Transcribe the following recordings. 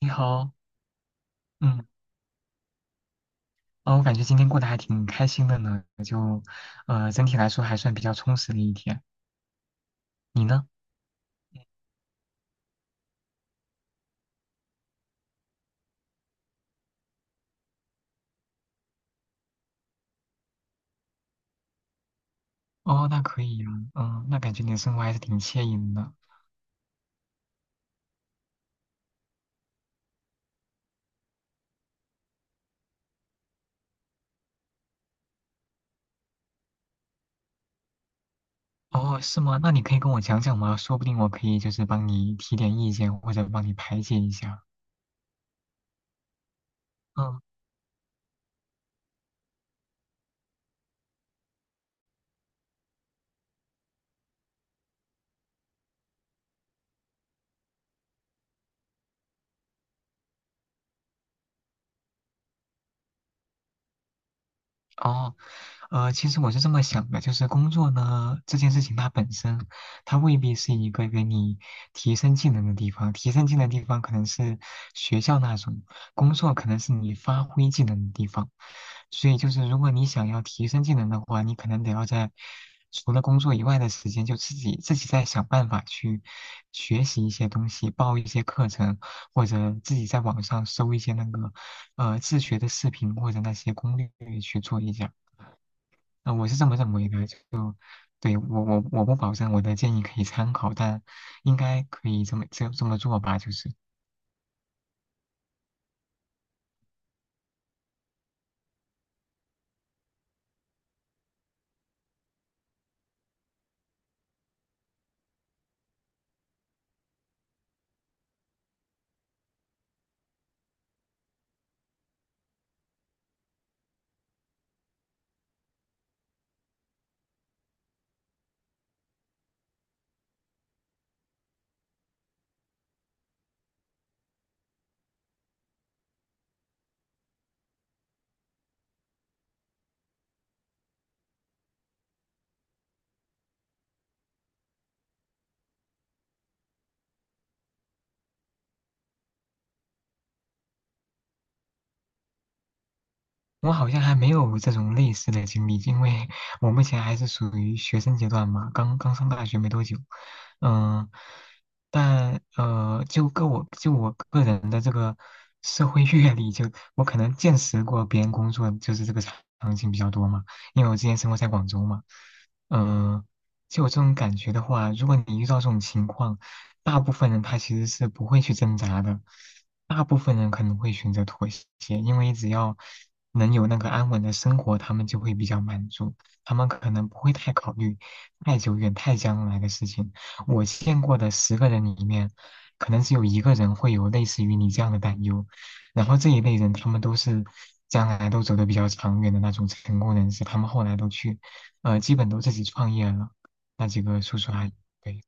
你好。嗯，哦，我感觉今天过得还挺开心的呢，整体来说还算比较充实的一天。你呢？哦，那可以呀。那感觉你的生活还是挺惬意的。哦，是吗？那你可以跟我讲讲吗？说不定我可以帮你提点意见，或者帮你排解一下。嗯。哦，其实我是这么想的，工作呢这件事情，它本身它未必是一个给你提升技能的地方，提升技能的地方可能是学校那种，工作可能是你发挥技能的地方。所以如果你想要提升技能的话，你可能得要在除了工作以外的时间，就自己再想办法去学习一些东西，报一些课程，或者自己在网上搜一些那个自学的视频或者那些攻略去做一下。我是这么认为的。对，我不保证我的建议可以参考，但应该可以这么做吧，就是。我好像还没有这种类似的经历，因为我目前还是属于学生阶段嘛，刚刚上大学没多久。嗯，但就个我就我个人的这个社会阅历，就我可能见识过别人工作就是这个场景比较多嘛，因为我之前生活在广州嘛。嗯、就有这种感觉的话，如果你遇到这种情况，大部分人他其实是不会去挣扎的，大部分人可能会选择妥协，因为只要能有那个安稳的生活，他们就会比较满足，他们可能不会太考虑太久远、太将来的事情。我见过的十个人里面，可能只有一个人会有类似于你这样的担忧，然后这一类人他们都是，将来都走得比较长远的那种成功人士。他们后来都去，基本都自己创业了，那几个叔叔阿姨，对。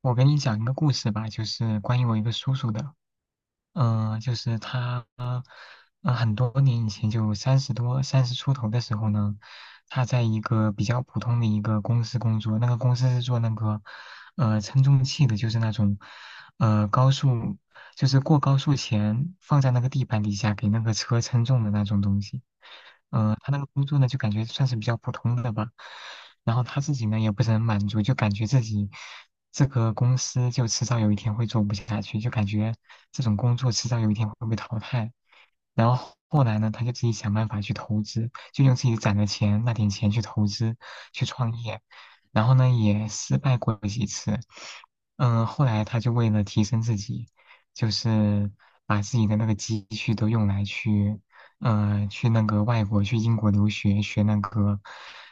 我给你讲一个故事吧，就是关于我一个叔叔的。就是他，很多年以前，就三十多、三十出头的时候呢，他在一个比较普通的一个公司工作。那个公司是做那个称重器的，就是那种高速，就是过高速前放在那个地板底下给那个车称重的那种东西。他那个工作呢，就感觉算是比较普通的吧。然后他自己呢，也不是很满足，就感觉自己，这个公司就迟早有一天会做不下去，就感觉这种工作迟早有一天会被淘汰。然后后来呢，他就自己想办法去投资，就用自己攒的钱那点钱去投资，去创业。然后呢，也失败过几次。嗯，后来他就为了提升自己，就是把自己的那个积蓄都用来去，去那个外国，去英国留学，学那个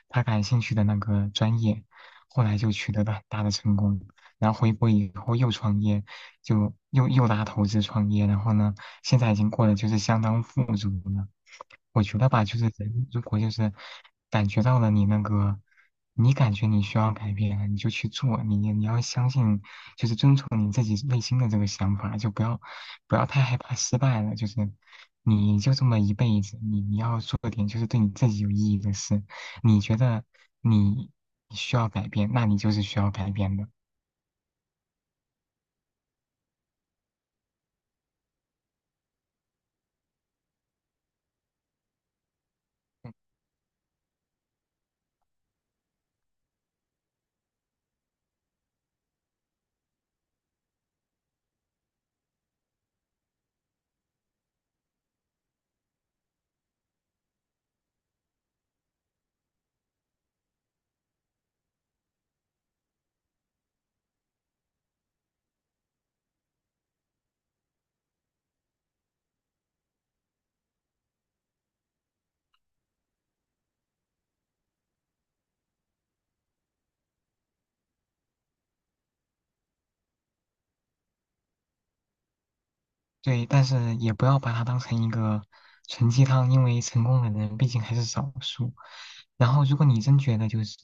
他感兴趣的那个专业。后来就取得了很大的成功。然后回国以后又创业，就又拉投资创业，然后呢，现在已经过得就是相当富足了。我觉得吧，就是人如果就是感觉到了你那个，你感觉你需要改变，你就去做。你要相信，就是遵从你自己内心的这个想法，就不要太害怕失败了。就是你就这么一辈子，你要做点就是对你自己有意义的事，你觉得你需要改变，那你就是需要改变的。对，但是也不要把它当成一个纯鸡汤，因为成功的人毕竟还是少数。然后，如果你真觉得就是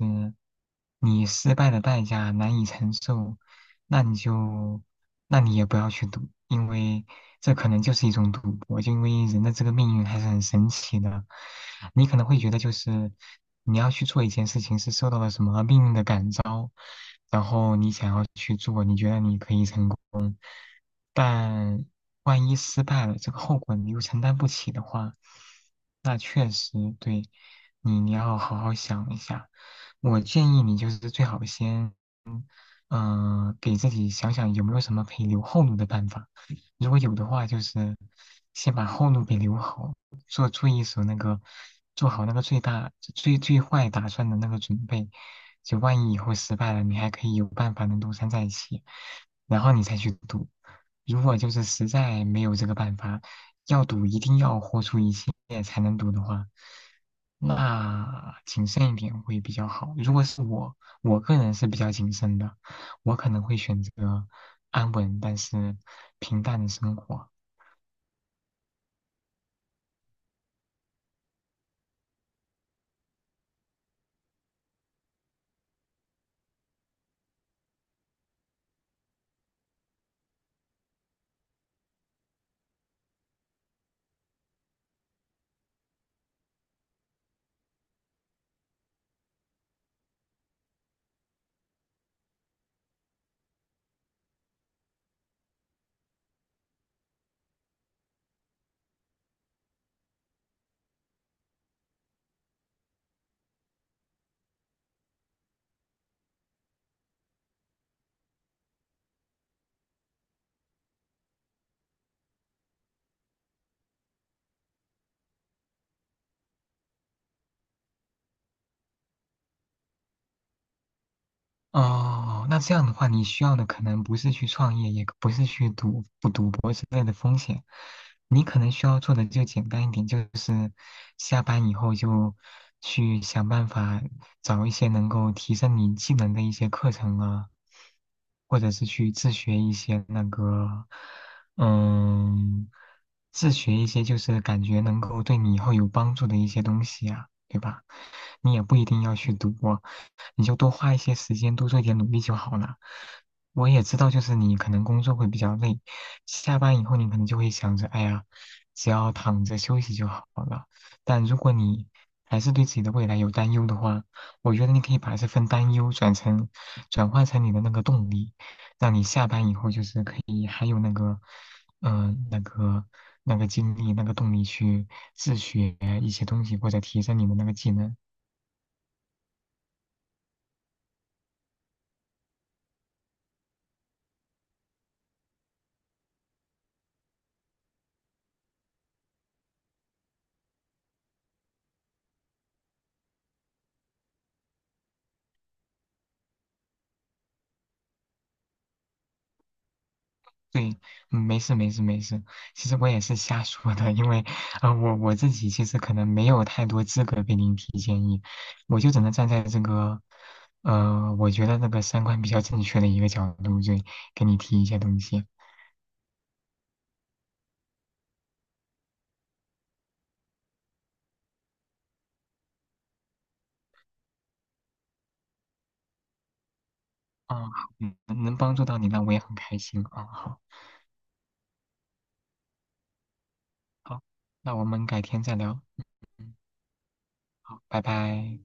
你失败的代价难以承受，那你就，那你也不要去赌，因为这可能就是一种赌博。就因为人的这个命运还是很神奇的，你可能会觉得就是你要去做一件事情是受到了什么命运的感召，然后你想要去做，你觉得你可以成功。但万一失败了，这个后果你又承担不起的话，那确实对你，你要好好想一下。我建议你就是最好先给自己想想有没有什么可以留后路的办法。如果有的话，就是先把后路给留好，做一手那个，做好那个最大最最坏打算的那个准备。就万一以后失败了，你还可以有办法能东山再起，然后你再去赌。如果就是实在没有这个办法，要赌一定要豁出一切才能赌的话，那谨慎一点会比较好。如果是我，我个人是比较谨慎的，我可能会选择安稳但是平淡的生活。哦，那这样的话，你需要的可能不是去创业，也不是去赌不赌博之类的风险。你可能需要做的就简单一点，就是下班以后就去想办法找一些能够提升你技能的一些课程啊，或者是去自学一些那个，嗯，自学一些就是感觉能够对你以后有帮助的一些东西啊，对吧？你也不一定要去读啊，你就多花一些时间，多做一点努力就好了。我也知道，就是你可能工作会比较累，下班以后你可能就会想着，哎呀，只要躺着休息就好了。但如果你还是对自己的未来有担忧的话，我觉得你可以把这份担忧转成，转化成你的那个动力，让你下班以后就是可以还有嗯，那个那个精力、那个动力去自学一些东西，或者提升你的那个技能。对，没事没事没事。其实我也是瞎说的，因为我我自己其实可能没有太多资格给您提建议，我就只能站在这个，我觉得那个三观比较正确的一个角度，就给你提一些东西。好，能帮助到你，那我也很开心啊。好，好，那我们改天再聊。嗯，好，拜拜。